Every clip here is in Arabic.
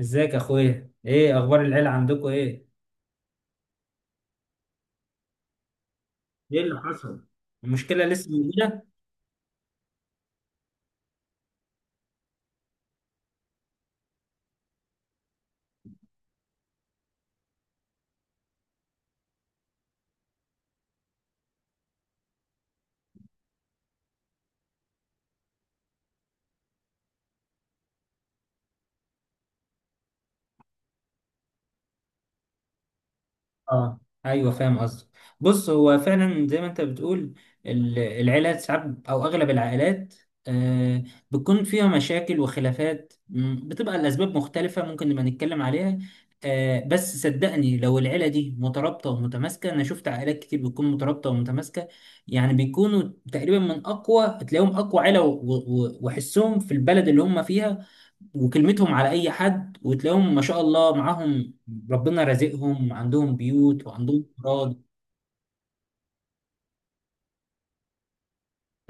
ازيك يا اخويا، ايه اخبار العيله؟ عندكم ايه؟ ايه اللي حصل؟ المشكله لسه موجوده. اه، ايوه فاهم قصدك. بص، هو فعلا زي ما انت بتقول. العيلات ساعات او اغلب العائلات، آه بتكون فيها مشاكل وخلافات، بتبقى الاسباب مختلفه. ممكن نبقى نتكلم عليها. بس صدقني، لو العيله دي مترابطه ومتماسكه، انا شفت عائلات كتير بتكون مترابطه ومتماسكه. يعني بيكونوا تقريبا من اقوى، تلاقيهم اقوى عيله وحسهم في البلد اللي هم فيها، وكلمتهم على اي حد، وتلاقيهم ما شاء الله معاهم، ربنا رازقهم، عندهم بيوت وعندهم اراضي.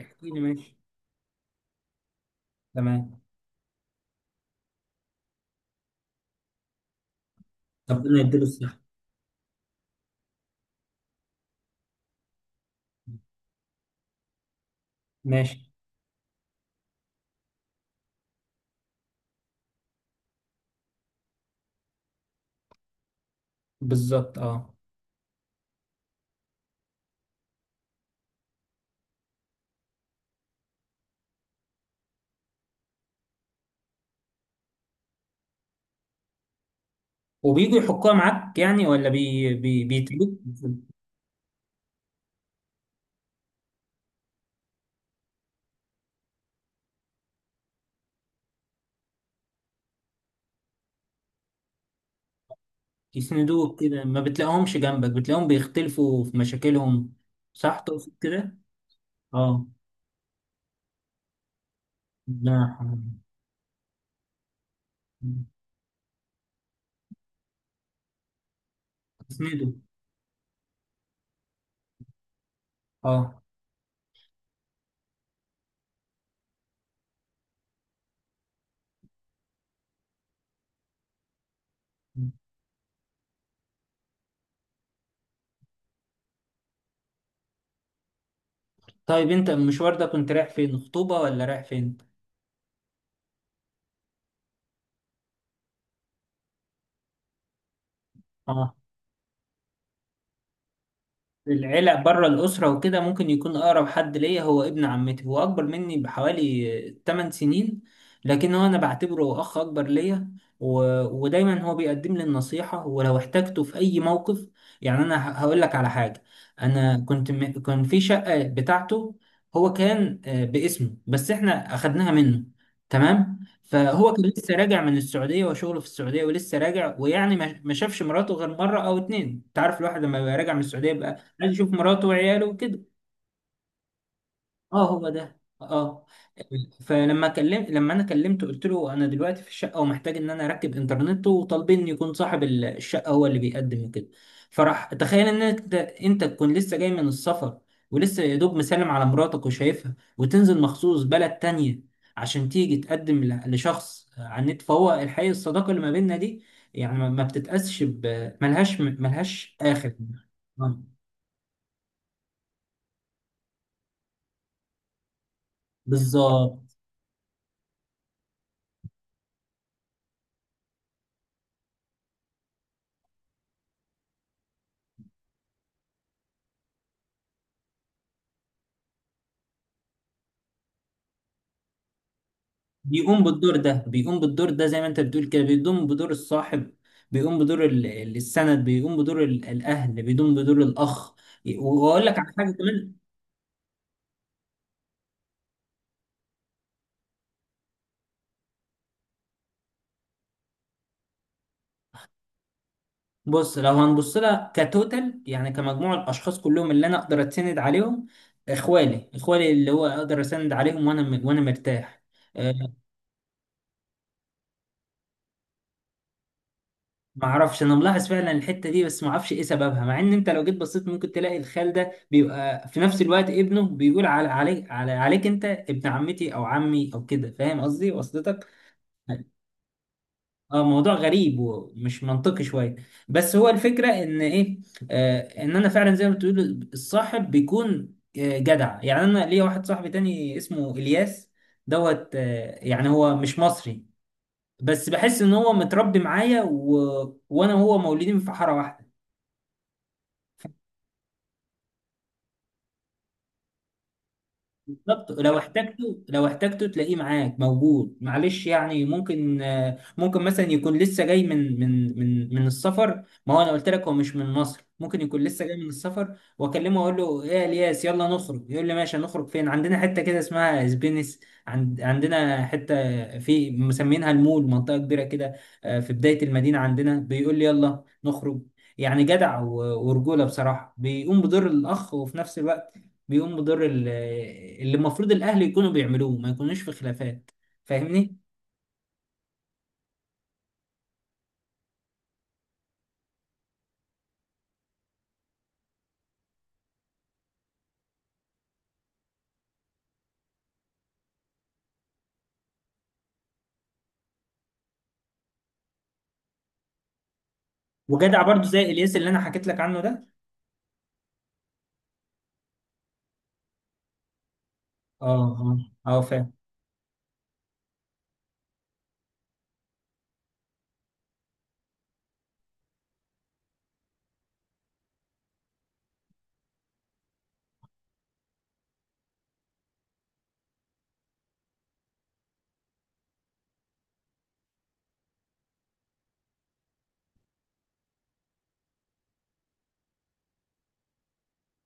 احكي لي، ماشي. تمام. ربنا يديله الصحه. ماشي. بالظبط، اه. وبيجوا يحكوها معاك يعني ولا بي بي بيتلوك؟ يسندوك كده، ما بتلاقيهمش جنبك، بتلاقيهم بيختلفوا في مشاكلهم. صح، تقصد كده؟ اه، ربنا يرحمهم. يسندوا. اه. طيب، انت المشوار ده كنت رايح فين؟ خطوبه ولا رايح فين؟ اه، العيلة بره الأسرة وكده ممكن يكون أقرب حد ليا هو ابن عمتي، هو أكبر مني بحوالي 8 سنين، لكن هو أنا بعتبره أخ أكبر ليا. و... ودايما هو بيقدم لي النصيحة ولو احتجته في أي موقف. يعني أنا هقول لك على حاجة. أنا كنت كان في شقة بتاعته. هو كان باسمه، بس إحنا أخدناها منه. تمام، فهو كان لسه راجع من السعودية وشغله في السعودية ولسه راجع، ويعني ما شافش مراته غير مرة أو اتنين. أنت عارف الواحد لما بيبقى راجع من السعودية، عايز يشوف مراته وعياله وكده. اه، هو ده، اه. فلما كلمت، لما انا كلمته قلت له انا دلوقتي في الشقه ومحتاج ان انا اركب انترنت، وطالبين يكون صاحب الشقه هو اللي بيقدم وكده. فراح تخيل ان انت تكون لسه جاي من السفر ولسه يا دوب مسلم على مراتك وشايفها، وتنزل مخصوص بلد تانية عشان تيجي تقدم لشخص على النت. فهو الحقيقه الصداقه اللي ما بيننا دي يعني ما بتتقاسش، ملهاش اخر. آه، بالظبط. بيقوم بالدور ده، بيقوم بالدور ده زي ما انت بتقول كده، بيقوم بدور الصاحب، بيقوم بدور السند، بيقوم بدور الاهل، بيقوم بدور الاخ. واقول لك على حاجه كمان. بص، لو هنبص لها كتوتال، يعني كمجموع الاشخاص كلهم اللي انا اقدر اتسند عليهم، اخوالي، اخوالي اللي هو اقدر اسند عليهم وانا مرتاح. آه، ما اعرفش، انا ملاحظ فعلا الحته دي، بس ما اعرفش ايه سببها، مع ان انت لو جيت بصيت ممكن تلاقي الخال ده بيبقى في نفس الوقت ابنه بيقول على عليك انت ابن عمتي او عمي او كده. فاهم قصدي؟ وصلتك؟ اه، موضوع غريب ومش منطقي شويه. بس هو الفكره ان ايه، ان انا فعلا زي ما بتقول الصاحب بيكون جدع. يعني انا ليا واحد صاحبي تاني اسمه الياس دوت، يعني هو مش مصري، بس بحس ان هو متربي معايا، وانا وهو مولودين في حاره واحده. بالظبط، لو احتجته تلاقيه معاك موجود. معلش، يعني ممكن، ممكن مثلا يكون لسه جاي من السفر. ما هو انا قلت لك هو مش من مصر. ممكن يكون لسه جاي من السفر واكلمه اقول له ايه يا الياس، يلا نخرج، يقول لي ماشي. هنخرج فين؟ عندنا حته كده اسمها اسبينس. عندنا حته في مسمينها المول، منطقه كبيره كده، في بدايه المدينه عندنا. بيقول لي يلا نخرج. يعني جدع ورجوله بصراحه، بيقوم بدور الاخ، وفي نفس الوقت بيقوم بدور اللي المفروض الاهل يكونوا بيعملوه، ما يكونوش في خلافات. فاهمني؟ وجدع برضو زي الياس اللي انا حكيت لك عنه ده. اه، اه، اه فاهم.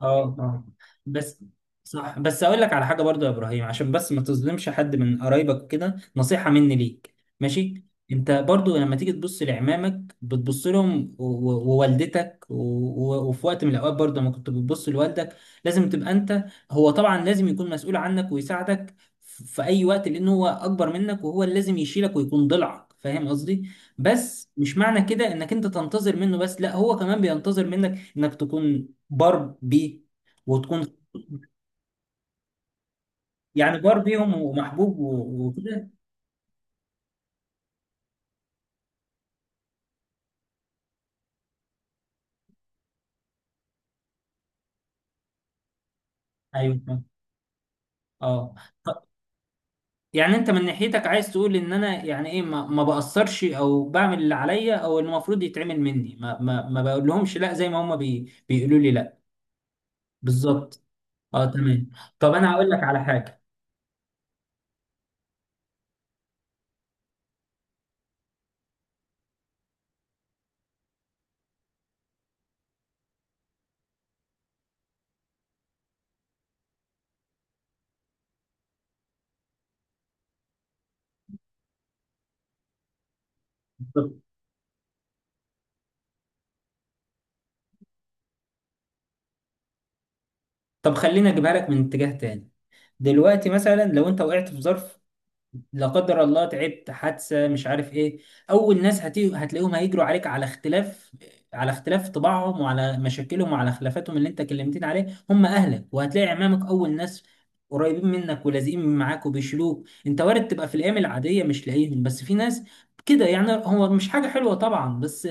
اه، اه، بس. صح، بس اقول لك على حاجه برضو يا ابراهيم، عشان بس ما تظلمش حد من قرايبك، كده نصيحه مني ليك، ماشي. انت برضو لما تيجي تبص لعمامك بتبص لهم ووالدتك و- وفي وقت من الاوقات برضو لما كنت بتبص لوالدك لازم تبقى انت، هو طبعا لازم يكون مسؤول عنك ويساعدك في اي وقت، لان هو اكبر منك وهو اللي لازم يشيلك ويكون ضلعك. فاهم قصدي؟ بس مش معنى كده انك انت تنتظر منه بس، لا، هو كمان بينتظر منك انك تكون باربي، وتكون، يعني باربيهم ومحبوب وكده. ايوه فاهم. اه. ط- يعني انت من ناحيتك عايز تقول ان انا يعني ايه، ما بأثرش او بعمل اللي عليا او المفروض يتعمل مني. ما بقول لهمش، لا، زي ما هم بيقولوا لي، لا. بالظبط. اه، تمام. طب انا هقول لك على حاجه. بالظبط. طب خليني اجيبها لك من اتجاه تاني. دلوقتي مثلا لو انت وقعت في ظرف، لا قدر الله، تعبت، حادثه، مش عارف ايه، اول ناس هتلاقيهم هيجروا عليك على اختلاف، طباعهم، وعلى مشاكلهم، وعلى خلافاتهم اللي انت كلمتين عليه، هم اهلك. وهتلاقي عمامك اول ناس قريبين منك ولازقين معاك وبيشلوك. انت وارد تبقى في الايام العاديه مش لاقيهم، بس في ناس كده. يعني هو مش حاجه حلوه طبعا، بس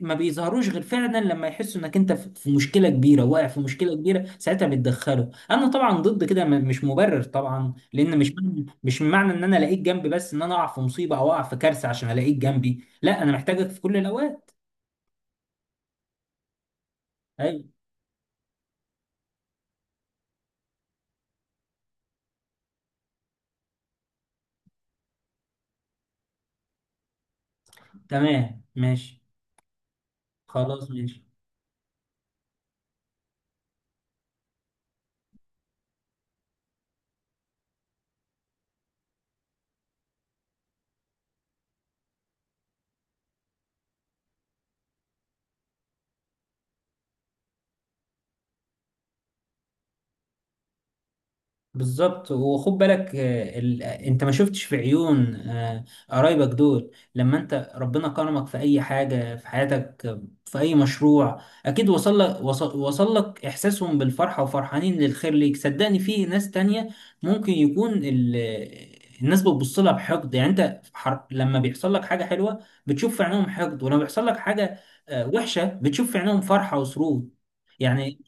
ما بيظهروش غير فعلا لما يحسوا انك انت في مشكله كبيره، واقع في مشكله كبيره، ساعتها بيتدخلوا. انا طبعا ضد كده، مش مبرر طبعا، لان مش معنى ان انا الاقيك جنبي بس ان انا اقع في مصيبه او اقع في كارثه عشان الاقيك جنبي، لا، انا محتاجك في كل الاوقات. ايوه تمام ماشي. خلاص ماشي. بالظبط. وخد بالك، آه، ال... آه، انت ما شفتش في عيون قرايبك دول لما انت ربنا كرمك في اي حاجة في حياتك، في اي مشروع، اكيد وصل لك، وصل لك احساسهم بالفرحة وفرحانين للخير ليك. صدقني في ناس تانية ممكن يكون ال... آه، الناس بتبص لها بحقد. يعني انت، لما بيحصل لك حاجة حلوة بتشوف في عينهم حقد، ولما بيحصل لك حاجة وحشة بتشوف في عينهم فرحة وسرور. يعني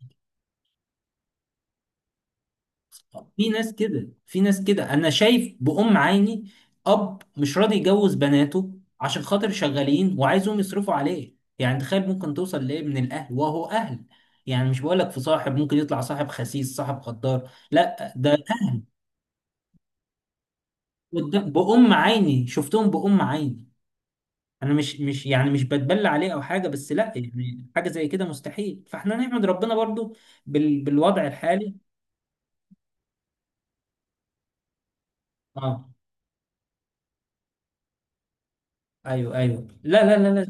في ناس كده، في ناس كده انا شايف بأم عيني. اب مش راضي يجوز بناته عشان خاطر شغالين وعايزهم يصرفوا عليه. يعني تخيل ممكن توصل لايه من الاهل وهو اهل، يعني مش بقولك في صاحب ممكن يطلع صاحب خسيس صاحب غدار، لا، ده بأم عيني شفتهم بأم عيني. انا مش يعني مش بتبلى عليه او حاجه، بس لا، يعني حاجه زي كده مستحيل. فاحنا نحمد ربنا برضو بالوضع الحالي. اه، ايوه، ايوه، لا لا لا لا.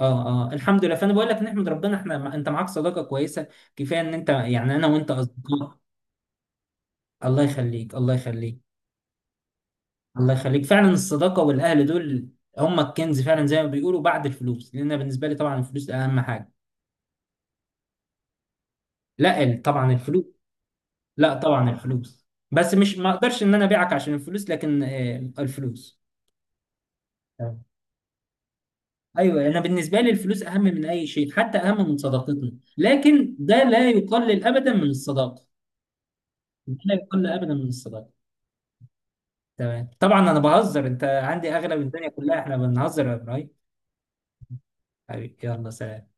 اه اه الحمد لله. فانا بقول لك نحمد ربنا، احنا انت معاك صداقه كويسه. كفايه ان انت، يعني انا وانت اصدقاء. الله يخليك، الله يخليك. الله يخليك فعلا. الصداقه والاهل دول هم الكنز، فعلا زي ما بيقولوا بعد الفلوس، لان أنا بالنسبه لي طبعا الفلوس اهم حاجه. لا، طبعا الفلوس. لا، طبعا الفلوس. بس مش، ما اقدرش ان انا ابيعك عشان الفلوس، لكن الفلوس. تمام. ايوه، انا بالنسبه لي الفلوس اهم من اي شيء، حتى اهم من صداقتنا، لكن ده لا يقلل ابدا من الصداقه. ده لا يقلل ابدا من الصداقه. تمام طبعا انا بهزر، انت عندي اغلب الدنيا كلها، احنا بنهزر يا ابراهيم. حبيبي، يلا سلام.